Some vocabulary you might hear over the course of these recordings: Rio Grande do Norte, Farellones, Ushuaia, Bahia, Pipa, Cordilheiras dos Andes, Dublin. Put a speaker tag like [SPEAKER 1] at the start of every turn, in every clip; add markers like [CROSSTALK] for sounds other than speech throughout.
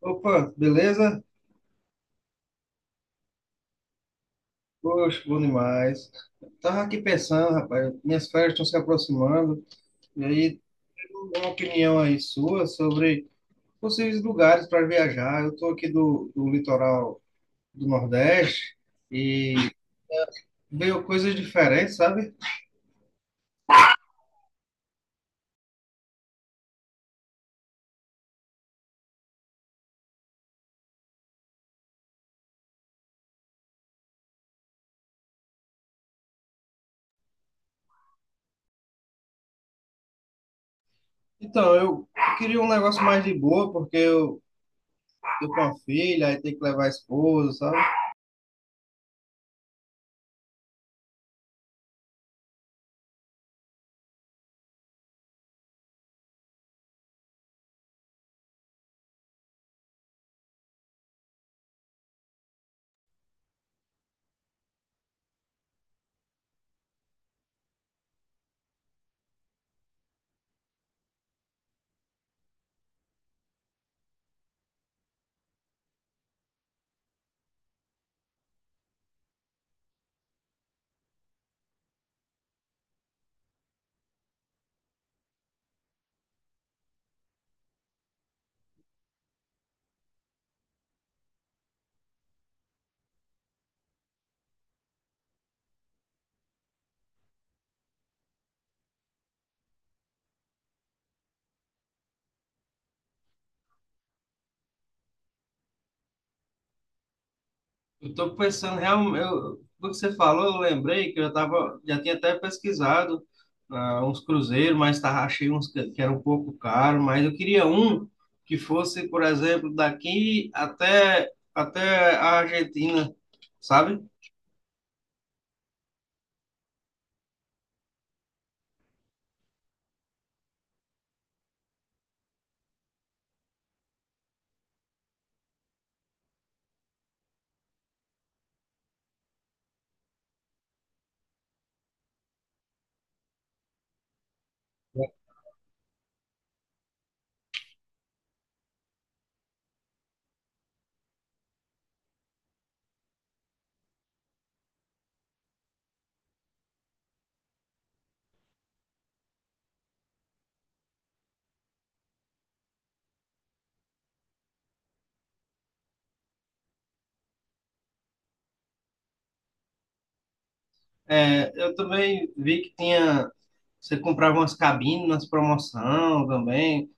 [SPEAKER 1] Opa, beleza? Poxa, bom demais. Tava aqui pensando, rapaz, minhas férias estão se aproximando, e aí tem uma opinião aí sua sobre possíveis lugares para viajar. Eu tô aqui do litoral do Nordeste e veio coisas diferentes, sabe? Então, eu queria um negócio mais de boa, porque eu tô com uma filha, aí tem que levar a esposa, sabe? Eu estou pensando, realmente, eu, do que você falou, eu lembrei que eu já tava, já tinha até pesquisado uns cruzeiros, mas tava, achei uns que eram um pouco caro, mas eu queria um que fosse, por exemplo, até a Argentina, sabe? É, eu também vi que tinha, você comprava umas cabines nas promoção também.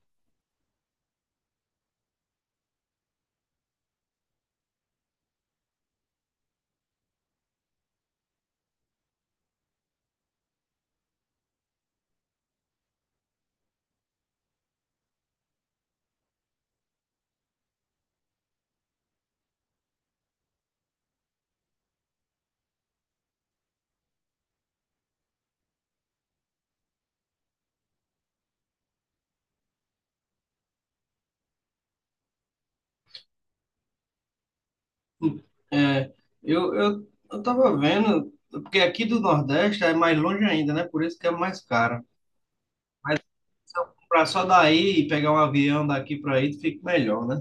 [SPEAKER 1] É, eu tava vendo, porque aqui do Nordeste é mais longe ainda, né? Por isso que é mais caro. Se eu comprar só daí e pegar um avião daqui para aí, fica melhor, né?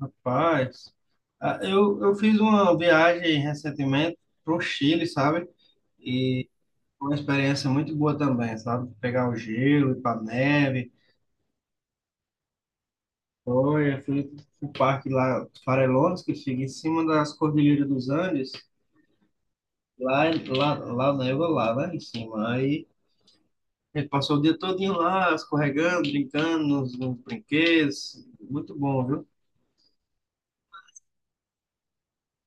[SPEAKER 1] Rapaz, eu fiz uma viagem recentemente pro Chile, sabe? E foi uma experiência muito boa também, sabe? Pegar o gelo, ir pra neve. Foi, eu fui pro parque lá, Farellones, que fica em cima das Cordilheiras dos Andes. Lá neva lá, lá em cima. Aí a gente passou o dia todinho lá, escorregando, brincando nos brinquedos. Muito bom, viu?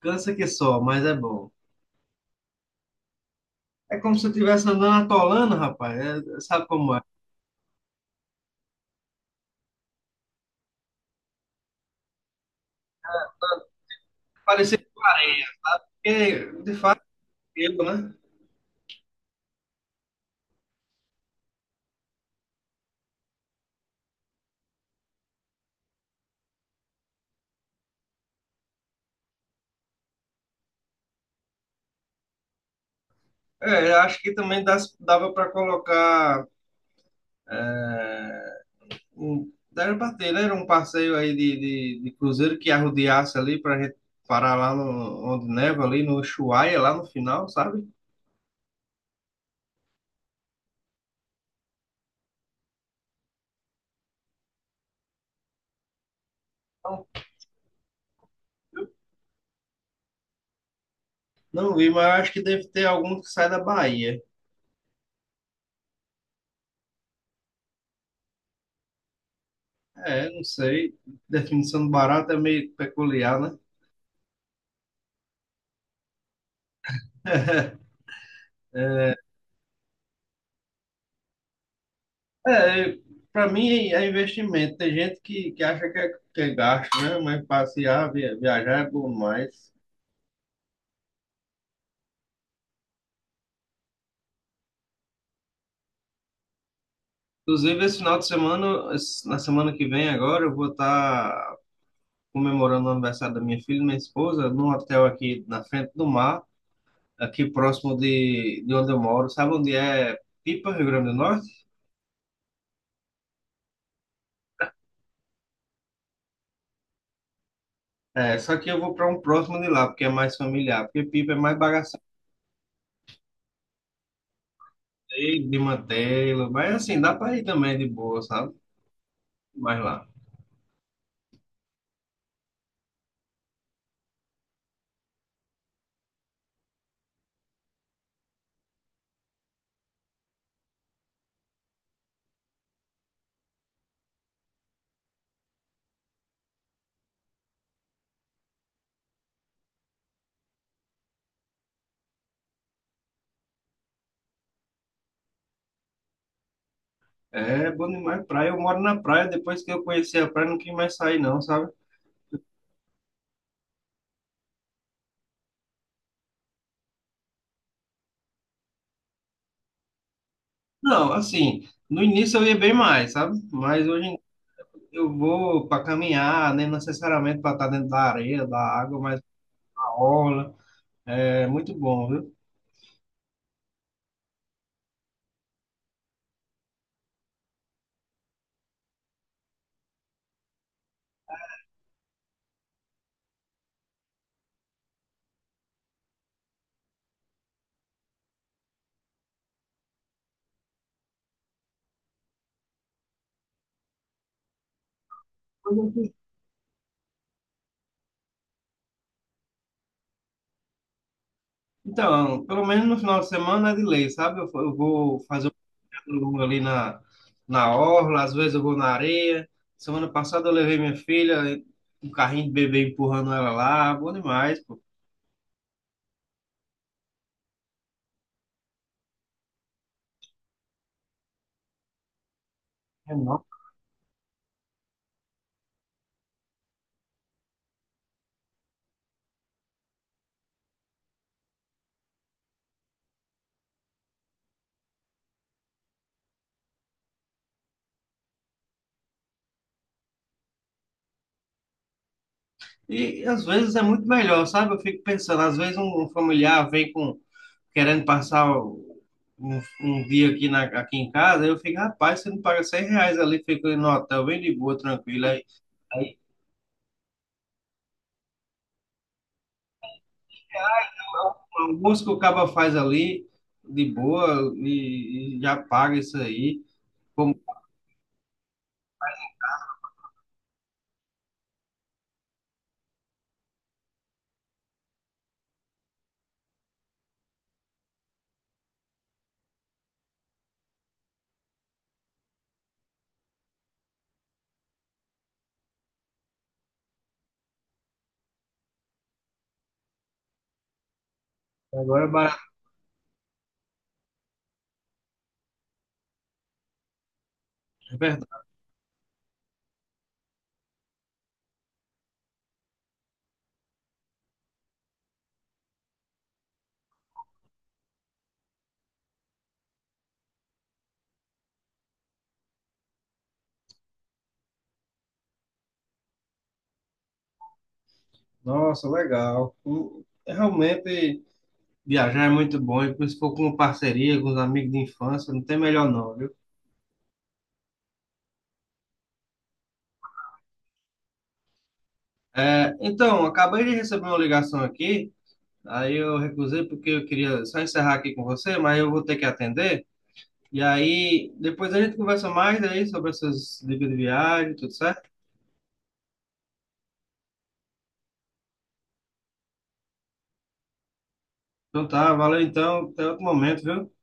[SPEAKER 1] Cansa que só, mas é bom. É como se eu estivesse andando atolando, rapaz. Sabe como é? Parecia com areia. Porque, de fato, eu, né? É, eu acho que também dava para colocar é, dava para ter, né? Era um passeio aí de cruzeiro que arrodeasse ali para gente parar lá no, onde neva, ali no Ushuaia, lá no final, sabe? Não, não vi, mas eu acho que deve ter algum que sai da Bahia. É, não sei. Definição do barato é meio peculiar, né? [LAUGHS] É, para mim é investimento. Tem gente que acha que que é gasto, né? Mas passear, viajar é bom mais. Inclusive, esse final de semana, na semana que vem agora, eu vou estar comemorando o aniversário da minha filha e minha esposa num hotel aqui na frente do mar, aqui próximo de onde eu moro. Sabe onde é Pipa, Rio Grande do Norte? É, só que eu vou para um próximo de lá, porque é mais familiar, porque Pipa é mais bagaceiro de mantê-lo, mas assim, dá para ir também de boa, sabe? Mas lá. É bom demais praia. Eu moro na praia, depois que eu conheci a praia, não quis mais sair, não, sabe? Não, assim, no início eu ia bem mais, sabe? Mas hoje em dia eu vou para caminhar, nem necessariamente para estar dentro da areia, da água, mas na orla. É muito bom, viu? Então, pelo menos no final de semana é de lei, sabe? Eu vou fazer um caminho longo na orla, às vezes eu vou na areia. Semana passada eu levei minha filha, um carrinho de bebê empurrando ela lá, bom demais, pô. E às vezes é muito melhor, sabe? Eu fico pensando, às vezes um familiar vem com querendo passar um dia aqui, aqui em casa, eu fico, rapaz, você não paga 100 reais ali, fica no hotel, bem de boa, tranquilo. Aí, aí o almoço que o cabo faz ali, de boa, e já paga isso aí. Como agora é barato, é verdade. Nossa, legal. Realmente viajar é muito bom, e se for com parceria, com os amigos de infância, não tem melhor não, viu? É, então, acabei de receber uma ligação aqui, aí eu recusei porque eu queria só encerrar aqui com você, mas eu vou ter que atender. E aí, depois a gente conversa mais aí sobre essas dicas de viagem, tudo certo? Então tá, valeu então, até outro momento, viu?